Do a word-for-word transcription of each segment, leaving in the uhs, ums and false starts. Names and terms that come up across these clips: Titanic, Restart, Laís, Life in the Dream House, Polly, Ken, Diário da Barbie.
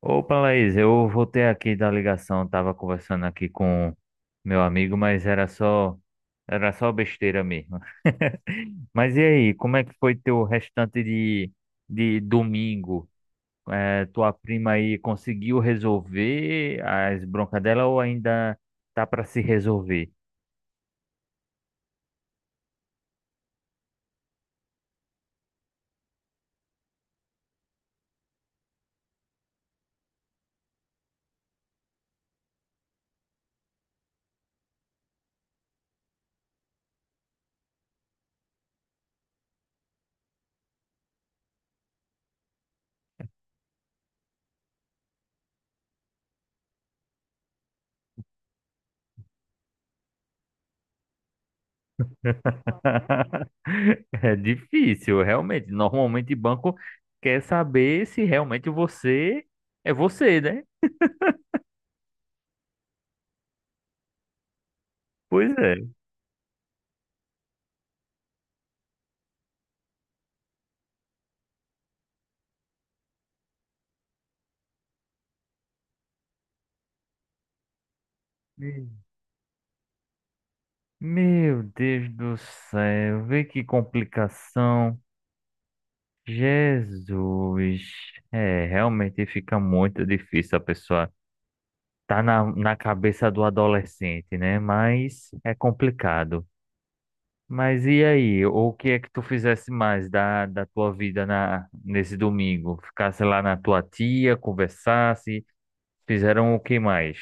Opa, Laís, eu voltei aqui da ligação, tava conversando aqui com meu amigo, mas era só era só besteira mesmo. Mas e aí, como é que foi teu restante de, de domingo? Eh, tua prima aí conseguiu resolver as broncas dela ou ainda tá para se resolver? É difícil, realmente. Normalmente banco quer saber se realmente você é você, né? Pois é. Meu Deus do céu, vê que complicação. Jesus, é, realmente fica muito difícil a pessoa tá na, na cabeça do adolescente, né? Mas é complicado. Mas e aí, o que é que tu fizesse mais da, da tua vida na, nesse domingo? Ficasse lá na tua tia, conversasse, fizeram o que mais?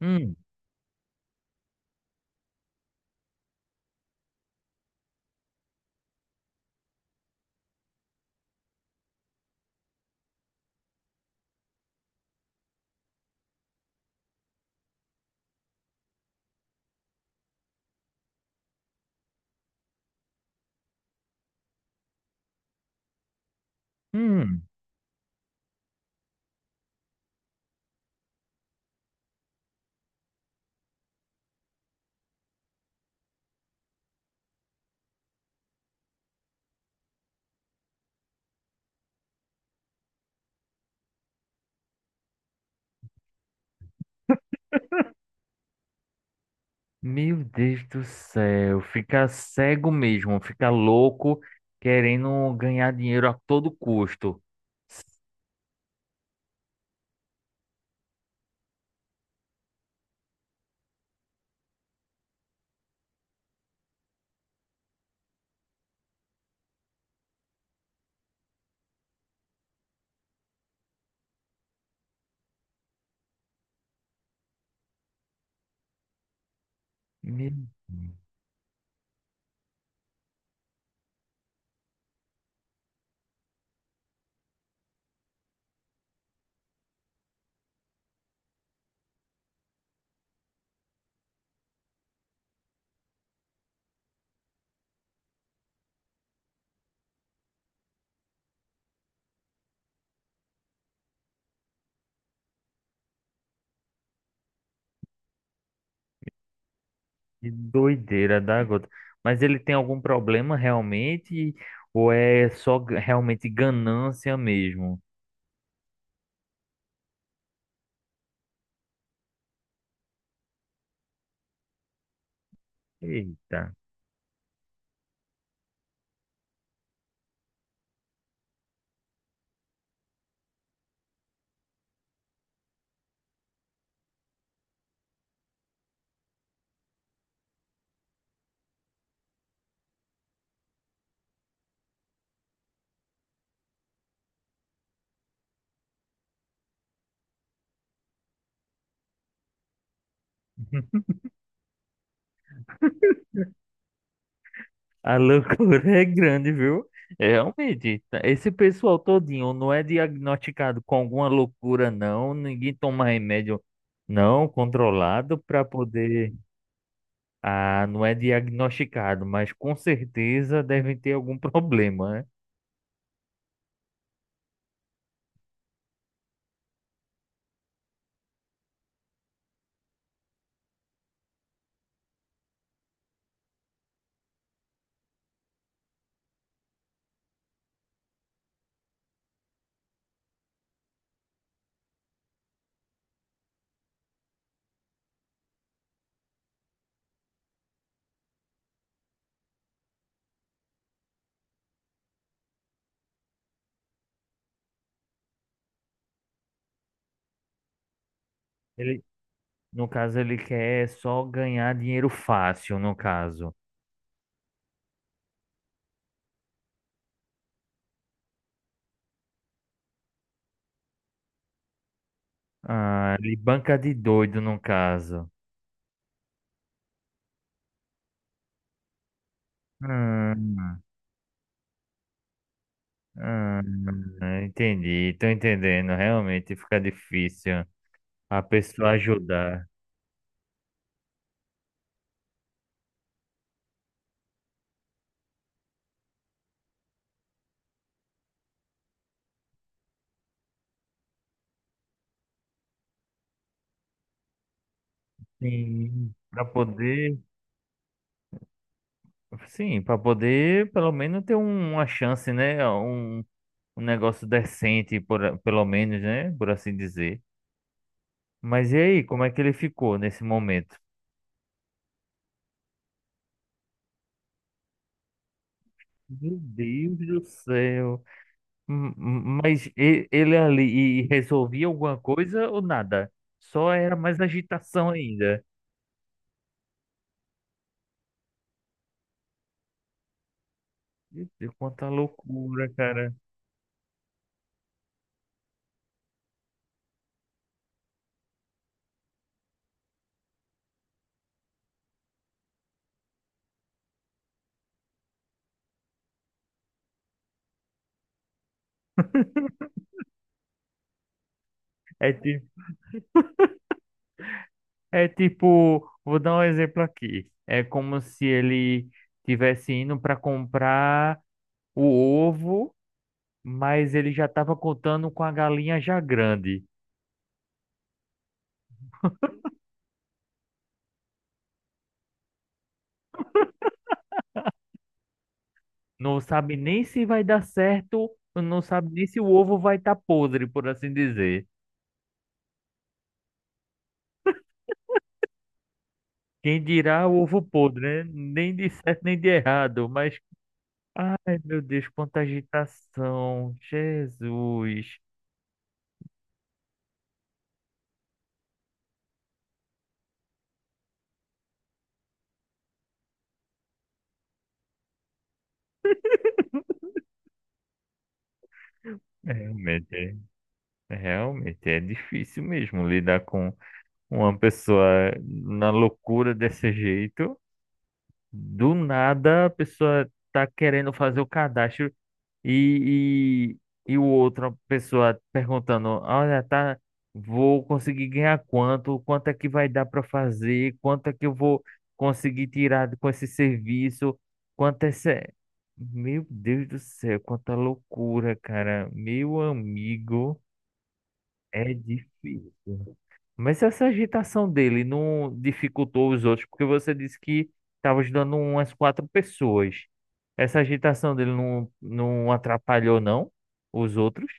Hum, hum. Meu Deus do céu, fica cego mesmo, fica louco querendo ganhar dinheiro a todo custo. Meu Deus, que doideira da gota. Mas ele tem algum problema realmente? Ou é só g- realmente ganância mesmo? Eita, a loucura é grande, viu? É, realmente, tá- esse pessoal todinho não é diagnosticado com alguma loucura, não. Ninguém toma remédio não controlado para poder. Ah, não é diagnosticado, mas com certeza devem ter algum problema, né? Ele, no caso, ele quer só ganhar dinheiro fácil, no caso. Ah, ele banca de doido, no caso. Hum, hum, entendi, tô entendendo. Realmente fica difícil a pessoa ajudar. Sim. Para poder, sim, para poder pelo menos ter um- uma chance, né? Um, um negócio decente, por, pelo menos, né? Por assim dizer. Mas e aí, como é que ele ficou nesse momento? Meu Deus do céu. Hum, hum, Mas e- ele ali e resolvia alguma coisa ou nada? Só era mais agitação ainda. Meu Deus, quanta loucura, cara. É, ti- é tipo, vou dar um exemplo aqui. É como se ele tivesse indo para comprar o ovo, mas ele já estava contando com a galinha já grande. Não sabe nem se vai dar certo, não sabe nem se o ovo vai estar podre, por assim dizer. Quem dirá o ovo podre, né? Nem de certo nem de errado, mas ai meu Deus, quanta agitação, Jesus. É, realmente, é- realmente é difícil mesmo lidar com uma pessoa na loucura desse jeito. Do nada a pessoa tá querendo fazer o cadastro e, e, e o outra pessoa perguntando, olha, tá, vou conseguir ganhar quanto? Quanto é que vai dar para fazer? Quanto é que eu vou conseguir tirar com esse serviço? Quanto é esse... Meu Deus do céu, quanta loucura, cara. Meu amigo, é difícil. Mas essa agitação dele não dificultou os outros, porque você disse que estava ajudando umas quatro pessoas. Essa agitação dele não, não atrapalhou, não? Os outros?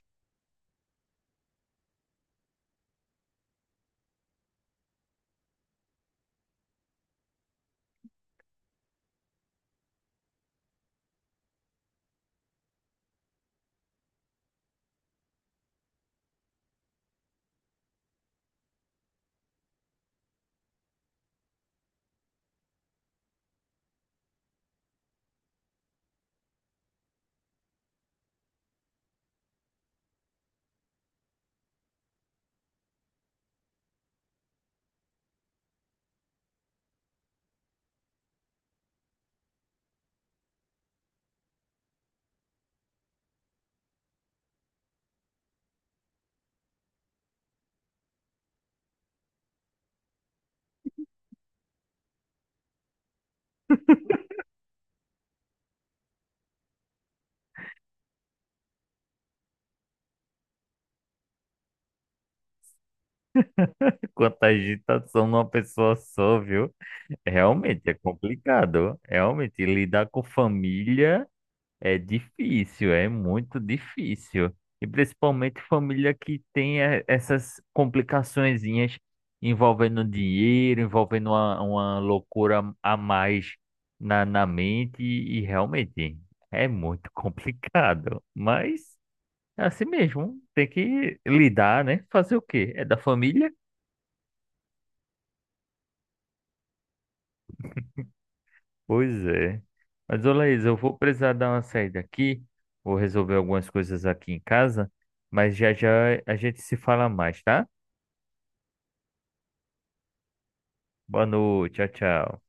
Quanta agitação numa pessoa só, viu? Realmente é complicado. Realmente, lidar com família. É difícil, é muito difícil. E principalmente família que tem eh, essas complicaçõezinhas envolvendo dinheiro, envolvendo uma, uma loucura a mais na, na mente, e realmente é muito complicado. Mas é assim mesmo, tem que lidar, né? Fazer o quê? É da família? Pois é. Mas, ô Laís, eu vou precisar dar uma saída aqui, vou resolver algumas coisas aqui em casa, mas já já a gente se fala mais, tá? Boa noite, tchau, tchau.